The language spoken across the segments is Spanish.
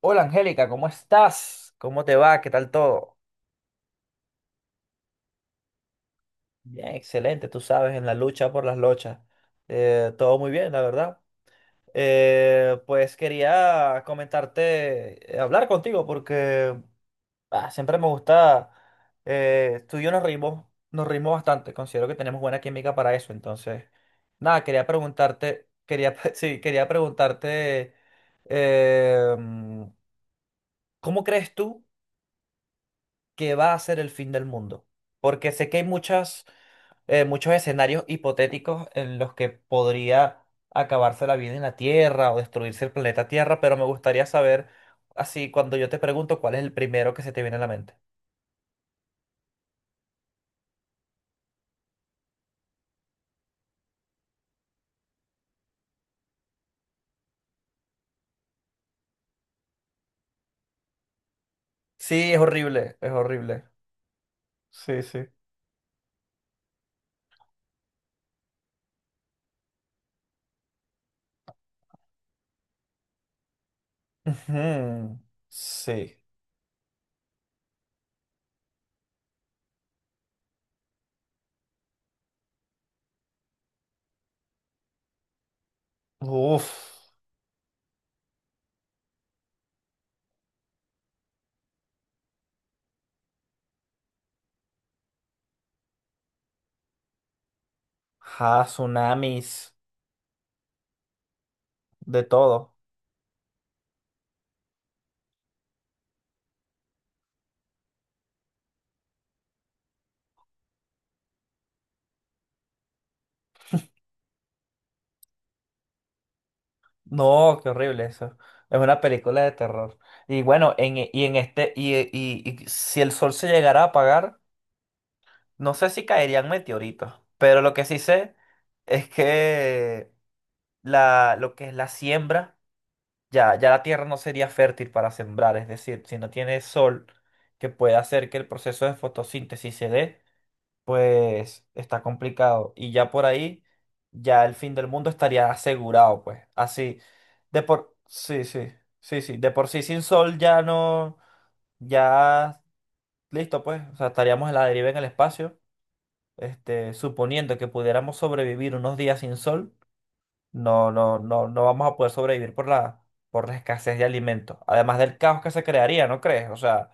Hola Angélica, ¿cómo estás? ¿Cómo te va? ¿Qué tal todo? Bien, excelente, tú sabes, en la lucha por las lochas. Todo muy bien, la verdad. Pues quería comentarte, hablar contigo porque siempre me gusta, tú y yo nos reímos, bastante, considero que tenemos buena química para eso, entonces, nada, quería preguntarte, sí, quería preguntarte, eh, ¿cómo crees tú que va a ser el fin del mundo? Porque sé que hay muchos escenarios hipotéticos en los que podría acabarse la vida en la Tierra o destruirse el planeta Tierra, pero me gustaría saber, así, cuando yo te pregunto, ¿cuál es el primero que se te viene a la mente? Sí, es horrible, es horrible. Sí, sí. Ujú, sí. Uf. Ja, tsunamis. De todo. No, qué horrible eso. Es una película de terror. Y bueno, en, e- y en este, y, e- y- y si el sol se llegara a apagar, no sé si caerían meteoritos, pero lo que sí sé es que lo que es la siembra, ya la tierra no sería fértil para sembrar. Es decir, si no tiene sol que pueda hacer que el proceso de fotosíntesis se dé, pues está complicado. Y ya por ahí, ya el fin del mundo estaría asegurado, pues. Así, Sí, sí, sí, sí. De por sí sin sol ya no... Ya listo, pues. O sea, estaríamos en la deriva en el espacio. Este, suponiendo que pudiéramos sobrevivir unos días sin sol, no, no, no, no vamos a poder sobrevivir por la escasez de alimentos. Además del caos que se crearía, ¿no crees? O sea,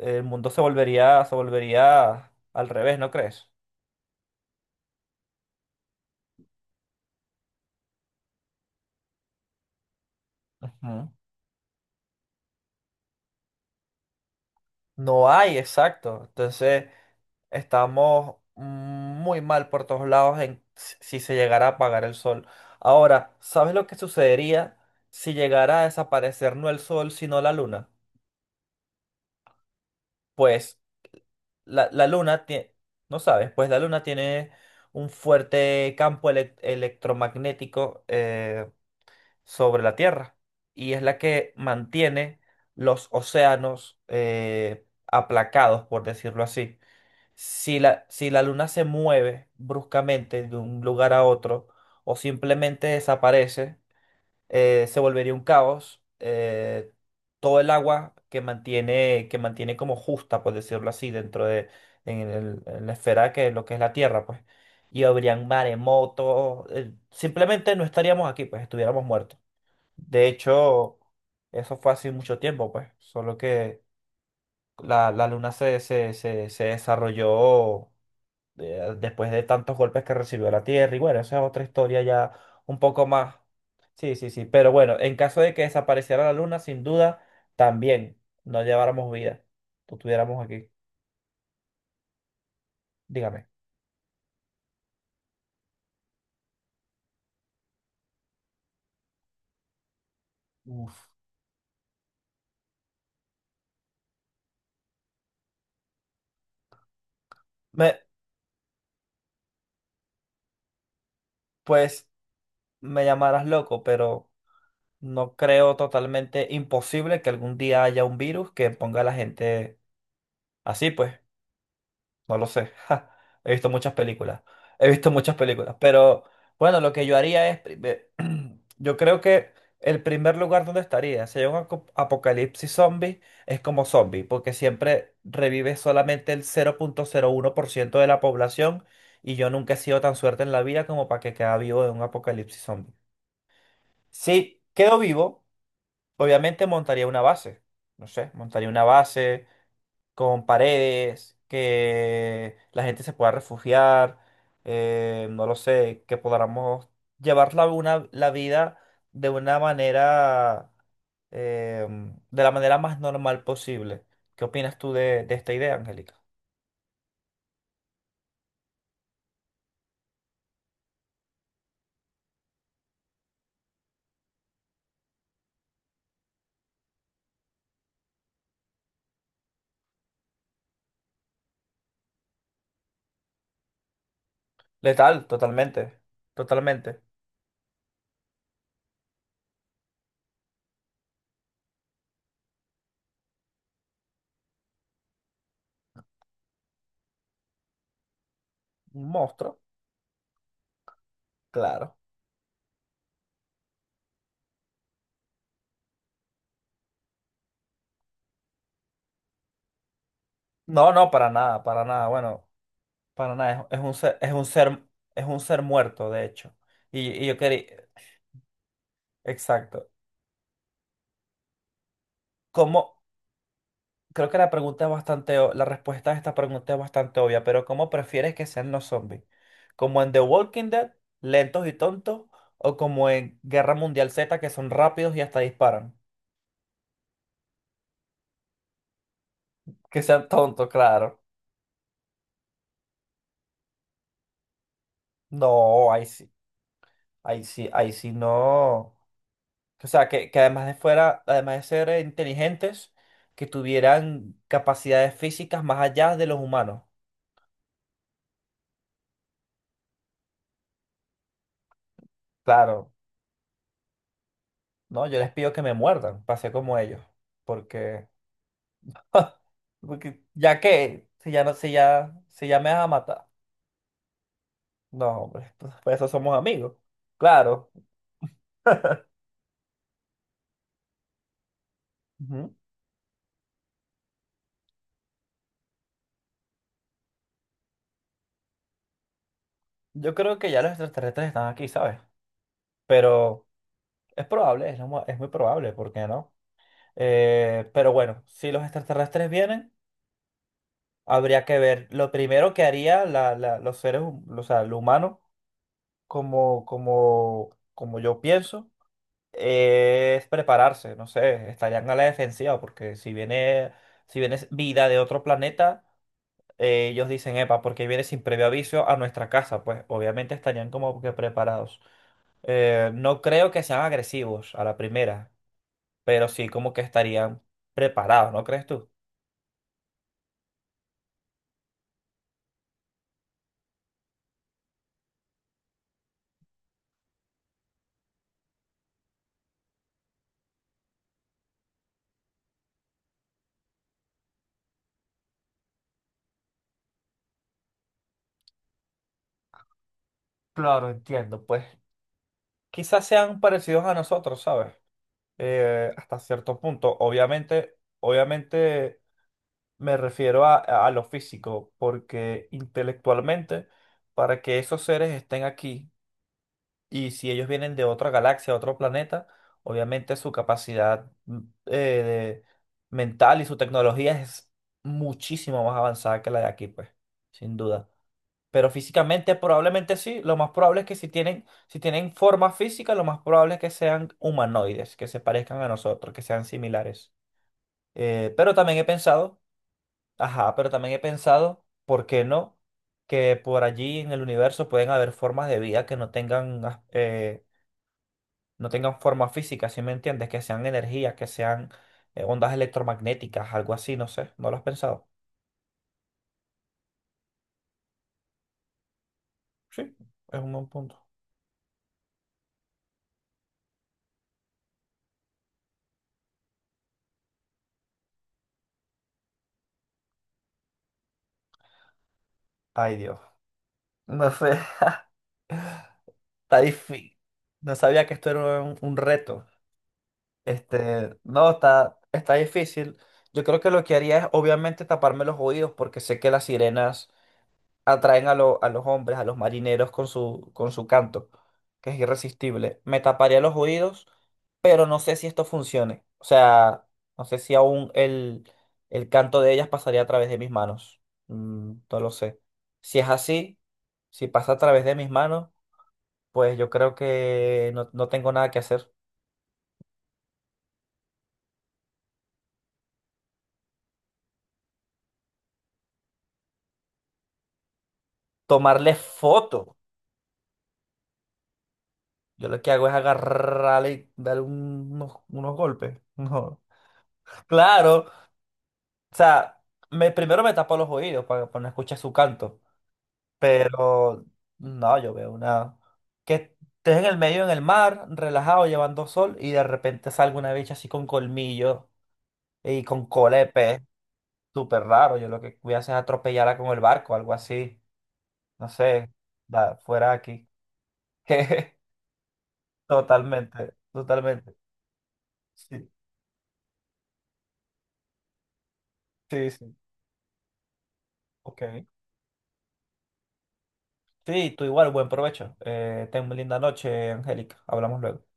el mundo se volvería al revés, ¿no crees? Ujú. No hay, exacto. Entonces, estamos muy mal por todos lados en si se llegara a apagar el sol. Ahora, ¿sabes lo que sucedería si llegara a desaparecer no el sol, sino la luna? Pues la luna tiene, no sabes, pues la luna tiene un fuerte campo electromagnético, sobre la Tierra, y es la que mantiene los océanos, aplacados, por decirlo así. Si la luna se mueve bruscamente de un lugar a otro o simplemente desaparece, se volvería un caos. Todo el agua que mantiene, como justa, por decirlo así, dentro de en la esfera que es lo que es la Tierra, pues. Y habrían maremotos. Simplemente no estaríamos aquí, pues estuviéramos muertos. De hecho, eso fue hace mucho tiempo, pues. Solo que la luna se desarrolló después de tantos golpes que recibió la Tierra. Y bueno, esa es otra historia ya un poco más. Sí, sí, sí. Pero bueno, en caso de que desapareciera la Luna, sin duda, también no lleváramos vida. No estuviéramos aquí. Dígame. Uf. Me, pues me llamarás loco, pero no creo totalmente imposible que algún día haya un virus que ponga a la gente así, pues. No lo sé. ja. He visto muchas películas. He visto muchas películas. Pero bueno, lo que yo haría es... Yo creo que el primer lugar donde estaría, si hay un apocalipsis zombie, es como zombie, porque siempre revive solamente el 0,01% de la población, y yo nunca he sido tan suerte en la vida como para que quede vivo en un apocalipsis zombie. Si quedo vivo, obviamente montaría una base. No sé, montaría una base con paredes, que la gente se pueda refugiar, no lo sé, que podamos llevar la vida de una manera, eh, de la manera más normal posible. ¿Qué opinas tú de esta idea, Angélica? Letal, totalmente, totalmente. Un monstruo, claro. No, no, para nada, bueno, para nada, es, es un ser muerto, de hecho. Y yo quería, exacto. ¿Cómo? Creo que la respuesta a esta pregunta es bastante obvia, pero ¿cómo prefieres que sean los zombies? ¿Como en The Walking Dead, lentos y tontos? ¿O como en Guerra Mundial Z, que son rápidos y hasta disparan? Que sean tontos, claro. No, ahí sí, ahí sí, ahí sí no. O sea, que además de ser inteligentes, que tuvieran capacidades físicas más allá de los humanos. Claro, no, yo les pido que me muerdan, pase como ellos, porque... Porque ya que, si ya me vas a matar. No, hombre, pues, por eso somos amigos. Claro. Ujú. Yo creo que ya los extraterrestres están aquí, ¿sabes? Pero es probable, es muy probable, ¿por qué no? Pero bueno, si los extraterrestres vienen, habría que ver. Lo primero que haría los seres, o sea, el humano, como yo pienso. Es prepararse, no sé, estarían a la defensiva, porque si viene vida de otro planeta, ellos dicen, epa, porque viene sin previo aviso a nuestra casa, pues obviamente estarían como que preparados. No creo que sean agresivos a la primera, pero sí como que estarían preparados, ¿no crees tú? Claro, entiendo, pues. Quizás sean parecidos a nosotros, ¿sabes? Hasta cierto punto, obviamente, obviamente. Me refiero a lo físico, porque intelectualmente, para que esos seres estén aquí, y si ellos vienen de otra galaxia, otro planeta, obviamente su capacidad eh, de- mental y su tecnología es muchísimo más avanzada que la de aquí, pues, sin duda. Pero físicamente probablemente sí, lo más probable es que si tienen forma física, lo más probable es que sean humanoides, que se parezcan a nosotros, que sean similares. Pero también he pensado ajá, pero también he pensado, ¿por qué no? Que por allí en el universo pueden haber formas de vida que no tengan, no tengan forma física, ¿sí me entiendes? Que sean energía, que sean ondas electromagnéticas, algo así, no sé, ¿no lo has pensado? Sí, es un buen punto. Ay, Dios, no sé, está difícil. No sabía que esto era un reto. Este, no, está difícil. Yo creo que lo que haría es obviamente taparme los oídos porque sé que las sirenas atraen a los hombres, a los marineros con su canto, que es irresistible. Me taparía los oídos, pero no sé si esto funcione. O sea, no sé si aún el canto de ellas pasaría a través de mis manos. Mm, no lo sé. Si es así, si pasa a través de mis manos, pues yo creo que no, no tengo nada que hacer. Tomarle foto. Yo lo que hago es agarrarle y darle unos golpes. No. Claro. O sea, primero me tapo los oídos para no escuchar su canto. Pero no, yo veo una. Que estés en el medio, en el mar, relajado, llevando sol, y de repente salga una bicha así con colmillo y con cola de pez. Súper raro. Yo lo que voy a hacer es atropellarla con el barco, algo así. No sé, va, fuera de aquí. Totalmente, totalmente. Sí, sí, sí. Ok. Sí, tú igual, buen provecho. Ten una linda noche, Angélica. Hablamos luego.